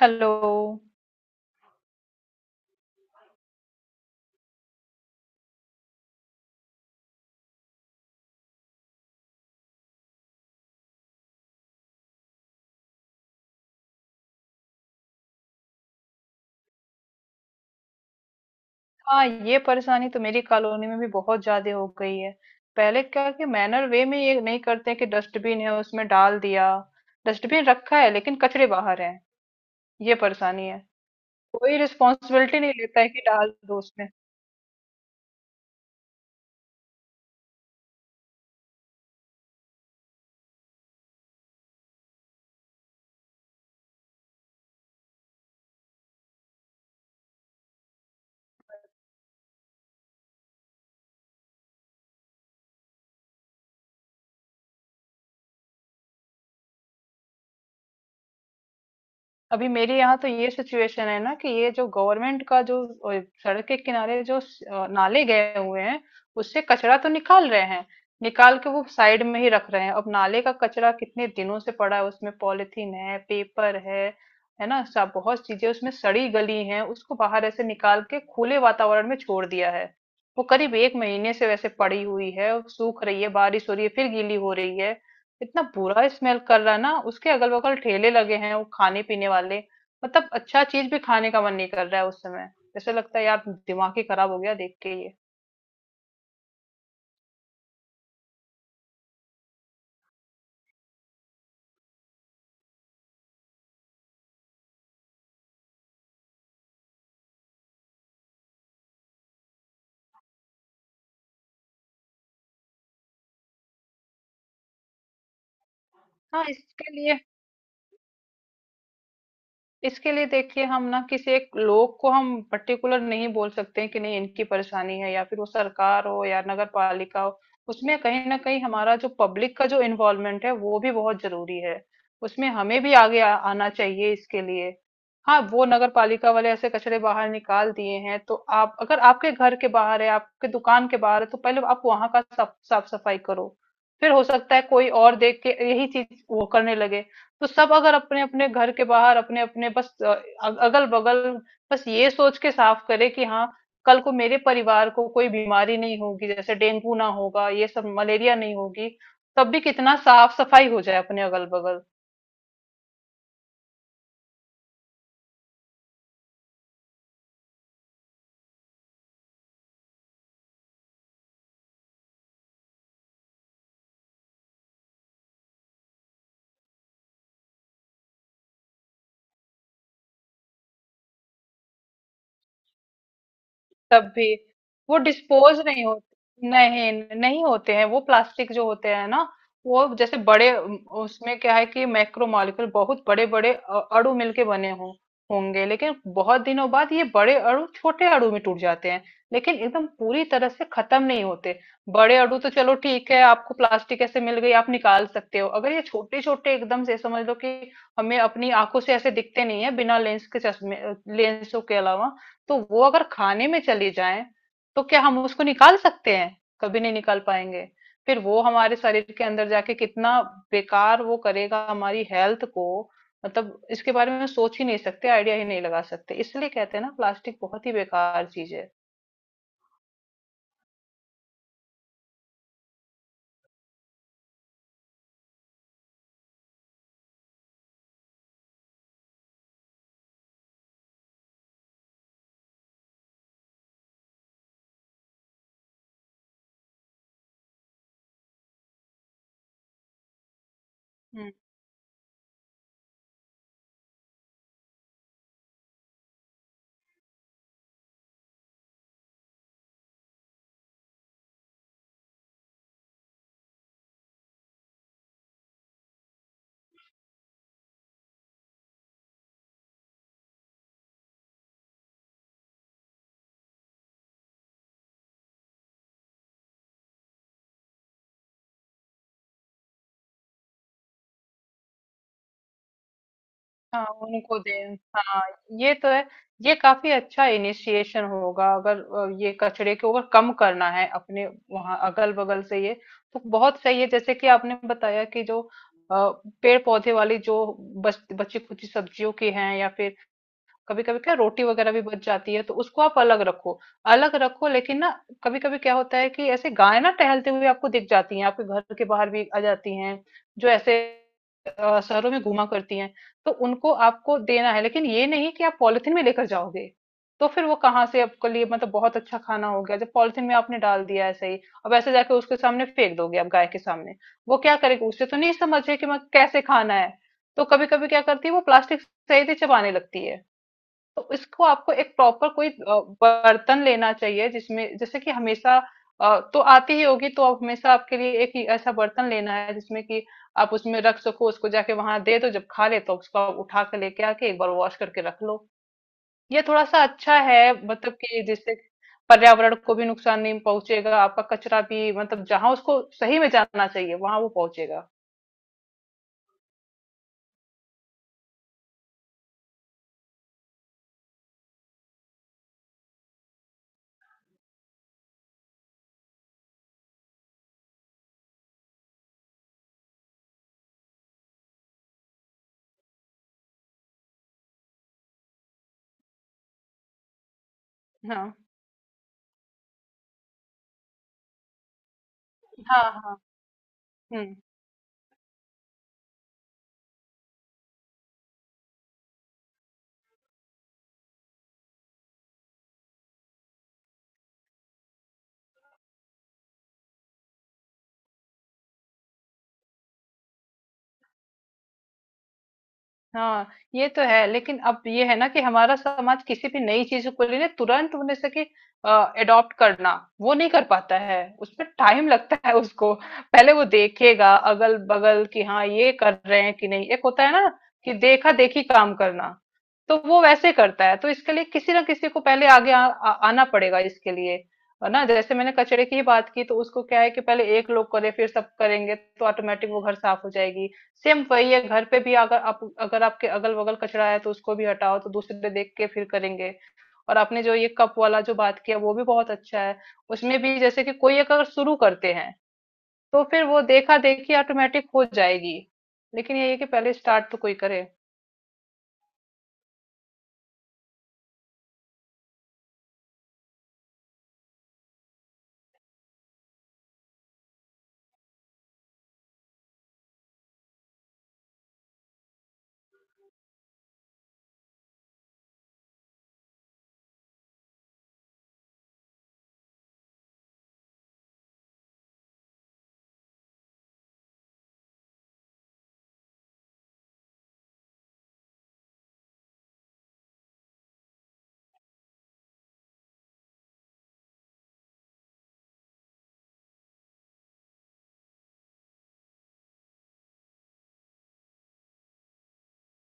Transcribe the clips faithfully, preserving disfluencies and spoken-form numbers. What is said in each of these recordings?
Hello. हाँ, ये परेशानी तो मेरी कॉलोनी में भी बहुत ज्यादा हो गई है। पहले क्या कि मैनर वे में ये नहीं करते कि डस्टबिन है उसमें डाल दिया। डस्टबिन रखा है लेकिन कचरे बाहर है। ये परेशानी है। कोई रिस्पॉन्सिबिलिटी नहीं लेता है कि डाल दो। अभी मेरे यहाँ तो ये सिचुएशन है ना कि ये जो गवर्नमेंट का जो अ, सड़क के किनारे जो स- अ, नाले गए हुए हैं। उससे कचरा तो निकाल रहे हैं, निकाल के वो साइड में ही रख रहे हैं। अब नाले का कचरा कितने दिनों से पड़ा है, उसमें पॉलिथीन है, पेपर है है ना, सब बहुत चीजें उसमें सड़ी गली हैं। उसको बाहर ऐसे निकाल के खुले वातावरण में छोड़ दिया है। वो करीब एक महीने से वैसे पड़ी हुई है, सूख रही है, बारिश हो रही है, फिर गीली हो रही है। इतना बुरा स्मेल कर रहा है ना। उसके अगल बगल ठेले लगे हैं वो खाने पीने वाले। मतलब अच्छा चीज भी खाने का मन नहीं कर रहा है उस समय। ऐसा लगता है यार, दिमाग ही खराब हो गया देख के ये। हाँ, इसके लिए इसके लिए देखिए, हम ना किसी एक लोग को हम पर्टिकुलर नहीं बोल सकते हैं कि नहीं इनकी परेशानी है, या फिर वो सरकार हो या नगर पालिका हो। उसमें कहीं ना कहीं हमारा जो पब्लिक का जो इन्वॉल्वमेंट है वो भी बहुत जरूरी है। उसमें हमें भी आगे आ, आना चाहिए इसके लिए। हाँ, वो नगर पालिका वाले ऐसे कचरे बाहर निकाल दिए हैं तो आप अगर आपके घर के बाहर है, आपके दुकान के बाहर है, तो पहले आप वहां का साफ साफ सफाई करो। फिर हो सकता है कोई और देख के यही चीज वो करने लगे। तो सब अगर अपने अपने घर के बाहर अपने अपने बस अगल बगल बस ये सोच के साफ करे कि हाँ, कल को मेरे परिवार को कोई बीमारी नहीं होगी, जैसे डेंगू ना होगा, ये सब मलेरिया नहीं होगी। तब भी कितना साफ सफाई हो जाए अपने अगल बगल। तब भी वो डिस्पोज नहीं होते, नहीं नहीं होते हैं। वो प्लास्टिक जो होते हैं ना, वो जैसे बड़े उम, उसमें क्या है कि मैक्रो मॉलिक्यूल बहुत बड़े बड़े अ- अणु मिलके बने हों होंगे, लेकिन बहुत दिनों बाद ये बड़े अणु छोटे अणु में टूट जाते हैं, लेकिन एकदम पूरी तरह से खत्म नहीं होते। बड़े अणु तो चलो ठीक है, आपको प्लास्टिक ऐसे मिल गई, आप निकाल सकते हो। अगर ये छोटे छोटे एकदम से समझ लो कि हमें अपनी आंखों से ऐसे दिखते नहीं है बिना लेंस के, चश्मे लेंसों के अलावा, तो वो अगर खाने में चली जाए तो क्या हम उसको निकाल सकते हैं? कभी नहीं निकाल पाएंगे। फिर वो हमारे शरीर के अंदर जाके कितना बेकार वो करेगा हमारी हेल्थ को। मतलब इसके बारे में सोच ही नहीं सकते, आइडिया ही नहीं लगा सकते। इसलिए कहते हैं ना, प्लास्टिक बहुत ही बेकार चीज है। हाँ, उनको दें, हाँ। ये तो है। ये काफी अच्छा इनिशिएशन होगा अगर अ, ये कचरे को अगर कम करना है अपने वहां अगल बगल से ये। तो बहुत सही है जैसे कि आपने बताया कि जो अ, पेड़ पौधे वाली जो बच, बची खुची सब्जियों की हैं, या फिर कभी कभी क्या रोटी वगैरह भी बच जाती है, तो उसको आप अलग रखो। अलग रखो लेकिन ना कभी कभी क्या होता है कि ऐसे गाय ना टहलते हुए आपको दिख जाती हैं, आपके घर के बाहर भी आ जाती हैं, जो ऐसे अ, शहरों में घुमा करती हैं। तो उनको आपको देना है, लेकिन ये नहीं कि आप पॉलिथीन में लेकर जाओगे। तो फिर वो कहाँ से आपके लिए मतलब बहुत अच्छा खाना हो गया जब पॉलिथीन में आपने डाल दिया ऐसे ही। अब ऐसे जाके उसके सामने फेंक दोगे आप गाय के सामने, वो क्या करेगी? उसे तो नहीं समझे कि मैं कैसे खाना है। तो कभी कभी क्या करती है, वो प्लास्टिक सही से चबाने लगती है। तो इसको आपको एक प्रॉपर कोई अ, बर्तन लेना चाहिए जिसमें जैसे कि हमेशा अ, तो आती ही होगी, तो आप हमेशा आपके लिए एक ही ऐसा बर्तन लेना है जिसमें कि आप उसमें रख सको। उसको जाके वहां दे दो, जब खा ले तो उसको आप उठा के लेके आके एक बार वॉश करके रख लो। ये थोड़ा सा अच्छा है। मतलब कि जिससे पर्यावरण को भी नुकसान नहीं पहुंचेगा, आपका कचरा भी मतलब जहां उसको सही में जाना चाहिए वहां वो पहुंचेगा। हाँ हाँ हाँ। हम्म। हाँ, ये तो है, लेकिन अब ये है ना कि हमारा समाज किसी भी नई चीज को लेने, तुरंत उन्हें से कि अडॉप्ट करना वो नहीं कर पाता है, उसमें टाइम लगता है उसको। पहले वो देखेगा अगल बगल कि हाँ, ये कर रहे हैं कि नहीं। एक होता है ना कि देखा देखी काम करना, तो वो वैसे करता है। तो इसके लिए किसी ना किसी को पहले आगे आ, आ, आना पड़ेगा इसके लिए। है ना, जैसे मैंने कचरे की ही बात की, तो उसको क्या है कि पहले एक लोग करे फिर सब करेंगे, तो ऑटोमेटिक वो घर साफ हो जाएगी। सेम वही है घर पे भी, अगर आप अगर आपके अगल बगल कचरा है तो उसको भी हटाओ, तो दूसरे देख के फिर करेंगे। और आपने जो ये कप वाला जो बात किया वो भी बहुत अच्छा है। उसमें भी जैसे कि कोई एक अगर शुरू करते हैं, तो फिर वो देखा देखी ऑटोमेटिक हो जाएगी। लेकिन ये है कि पहले स्टार्ट तो कोई करे।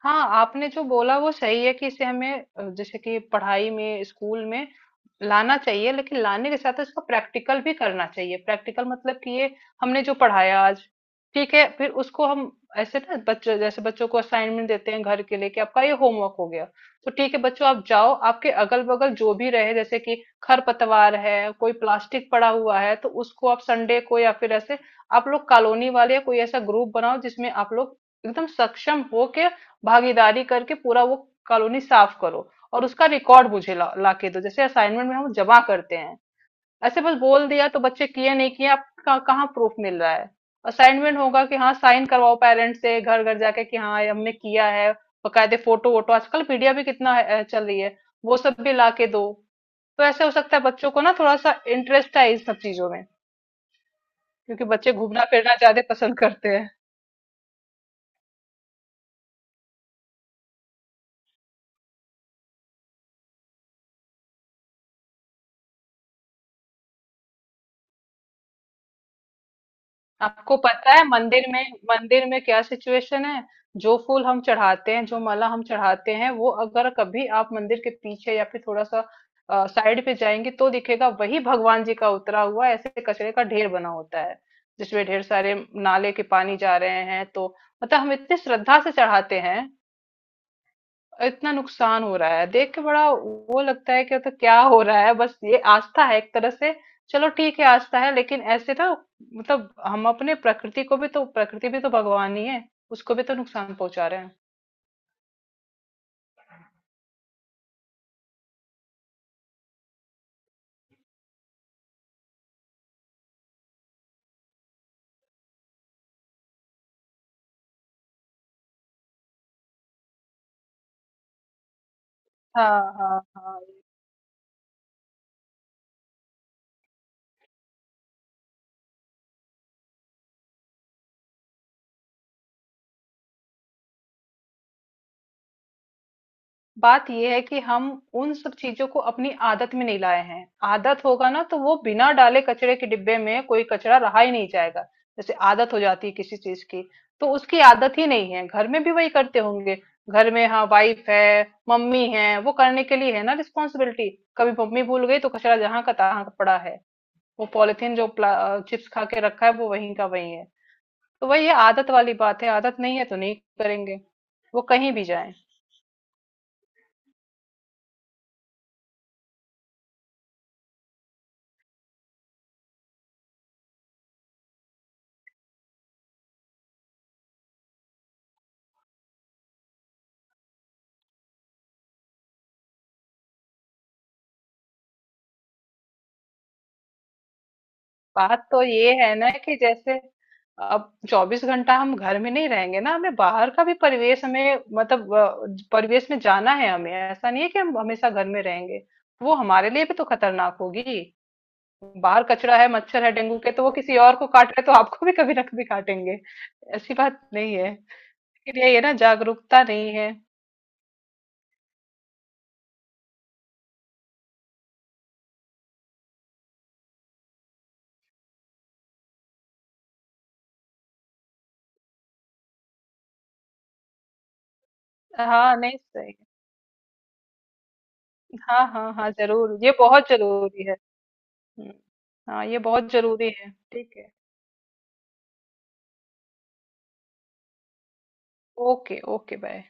हाँ, आपने जो बोला वो सही है कि इसे हमें अ, जैसे कि पढ़ाई में, स्कूल में लाना चाहिए, लेकिन लाने के साथ इसका प्रैक्टिकल भी करना चाहिए। प्रैक्टिकल मतलब कि ये हमने जो पढ़ाया आज, ठीक है, फिर उसको हम ऐसे ना बच्चों, जैसे बच्चों को असाइनमेंट देते हैं घर के लिए कि आपका ये होमवर्क हो गया, तो ठीक है बच्चों, आप जाओ, आपके अगल बगल जो भी रहे जैसे कि खरपतवार है, कोई प्लास्टिक पड़ा हुआ है, तो उसको आप संडे को या फिर ऐसे आप लोग कॉलोनी वाले या कोई ऐसा ग्रुप बनाओ जिसमें आप लोग एकदम सक्षम हो के भागीदारी करके पूरा वो कॉलोनी साफ करो, और उसका रिकॉर्ड मुझे ला, ला के दो जैसे असाइनमेंट में हम जमा करते हैं। ऐसे बस बोल दिया तो बच्चे किए नहीं किए, आपका कहाँ प्रूफ मिल रहा है? असाइनमेंट होगा कि हाँ, साइन करवाओ पेरेंट्स से, घर घर जाके कि हाँ ये हमने किया है। बकायदे फोटो वोटो, आजकल पीडिया भी कितना है- चल रही है, वो सब भी ला के दो। तो ऐसे हो सकता है बच्चों को ना थोड़ा सा इंटरेस्ट है इन सब चीजों में, क्योंकि बच्चे घूमना फिरना ज्यादा पसंद करते हैं। आपको पता है मंदिर में, मंदिर में क्या सिचुएशन है? जो फूल हम चढ़ाते हैं, जो माला हम चढ़ाते हैं, वो अगर कभी आप मंदिर के पीछे या फिर थोड़ा सा साइड पे जाएंगे तो दिखेगा, वही भगवान जी का उतरा हुआ ऐसे कचरे का ढेर बना होता है जिसमें ढेर सारे नाले के पानी जा रहे हैं तो। मतलब हम इतनी श्रद्धा से चढ़ाते हैं, और इतना नुकसान हो रहा है देख के, बड़ा वो लगता है कि तो क्या हो रहा है, बस ये आस्था है एक तरह से। चलो ठीक है आस्था है, लेकिन ऐसे ना, मतलब हम अपने प्रकृति को भी तो, प्रकृति भी तो भगवान ही है, उसको भी तो नुकसान पहुंचा रहे हैं। हाँ हाँ हाँ। बात यह है कि हम उन सब चीजों को अपनी आदत में नहीं लाए हैं। आदत होगा ना तो वो बिना डाले कचरे के डिब्बे में कोई कचरा रहा ही नहीं जाएगा। जैसे आदत हो जाती है किसी चीज की, तो उसकी आदत ही नहीं है, घर में भी वही करते होंगे। घर में हाँ, वाइफ है, मम्मी है, वो करने के लिए है ना, रिस्पॉन्सिबिलिटी। कभी मम्मी भूल गई तो कचरा जहां का तहां पड़ा है। वो पॉलिथीन जो चिप्स खा के रखा है वो वहीं का वहीं है। तो वही ये आदत वाली बात है, आदत नहीं है तो नहीं करेंगे, वो कहीं भी जाए। बात तो ये है ना कि जैसे अब चौबीस घंटा हम घर में नहीं रहेंगे ना, हमें बाहर का भी परिवेश, हमें मतलब अ, परिवेश में जाना है। हमें ऐसा नहीं है कि हम हमेशा घर में रहेंगे। वो हमारे लिए भी तो खतरनाक होगी। बाहर कचरा है, मच्छर है, डेंगू के तो वो किसी और को काट रहे तो आपको भी कभी ना कभी काटेंगे। ऐसी बात नहीं है, लेकिन ये ये ना जागरूकता नहीं है। हाँ, नहीं, सही। हाँ हाँ हाँ, जरूर, ये बहुत जरूरी है। हम्म, हाँ, ये बहुत जरूरी है। ठीक है। Okay okay, bye.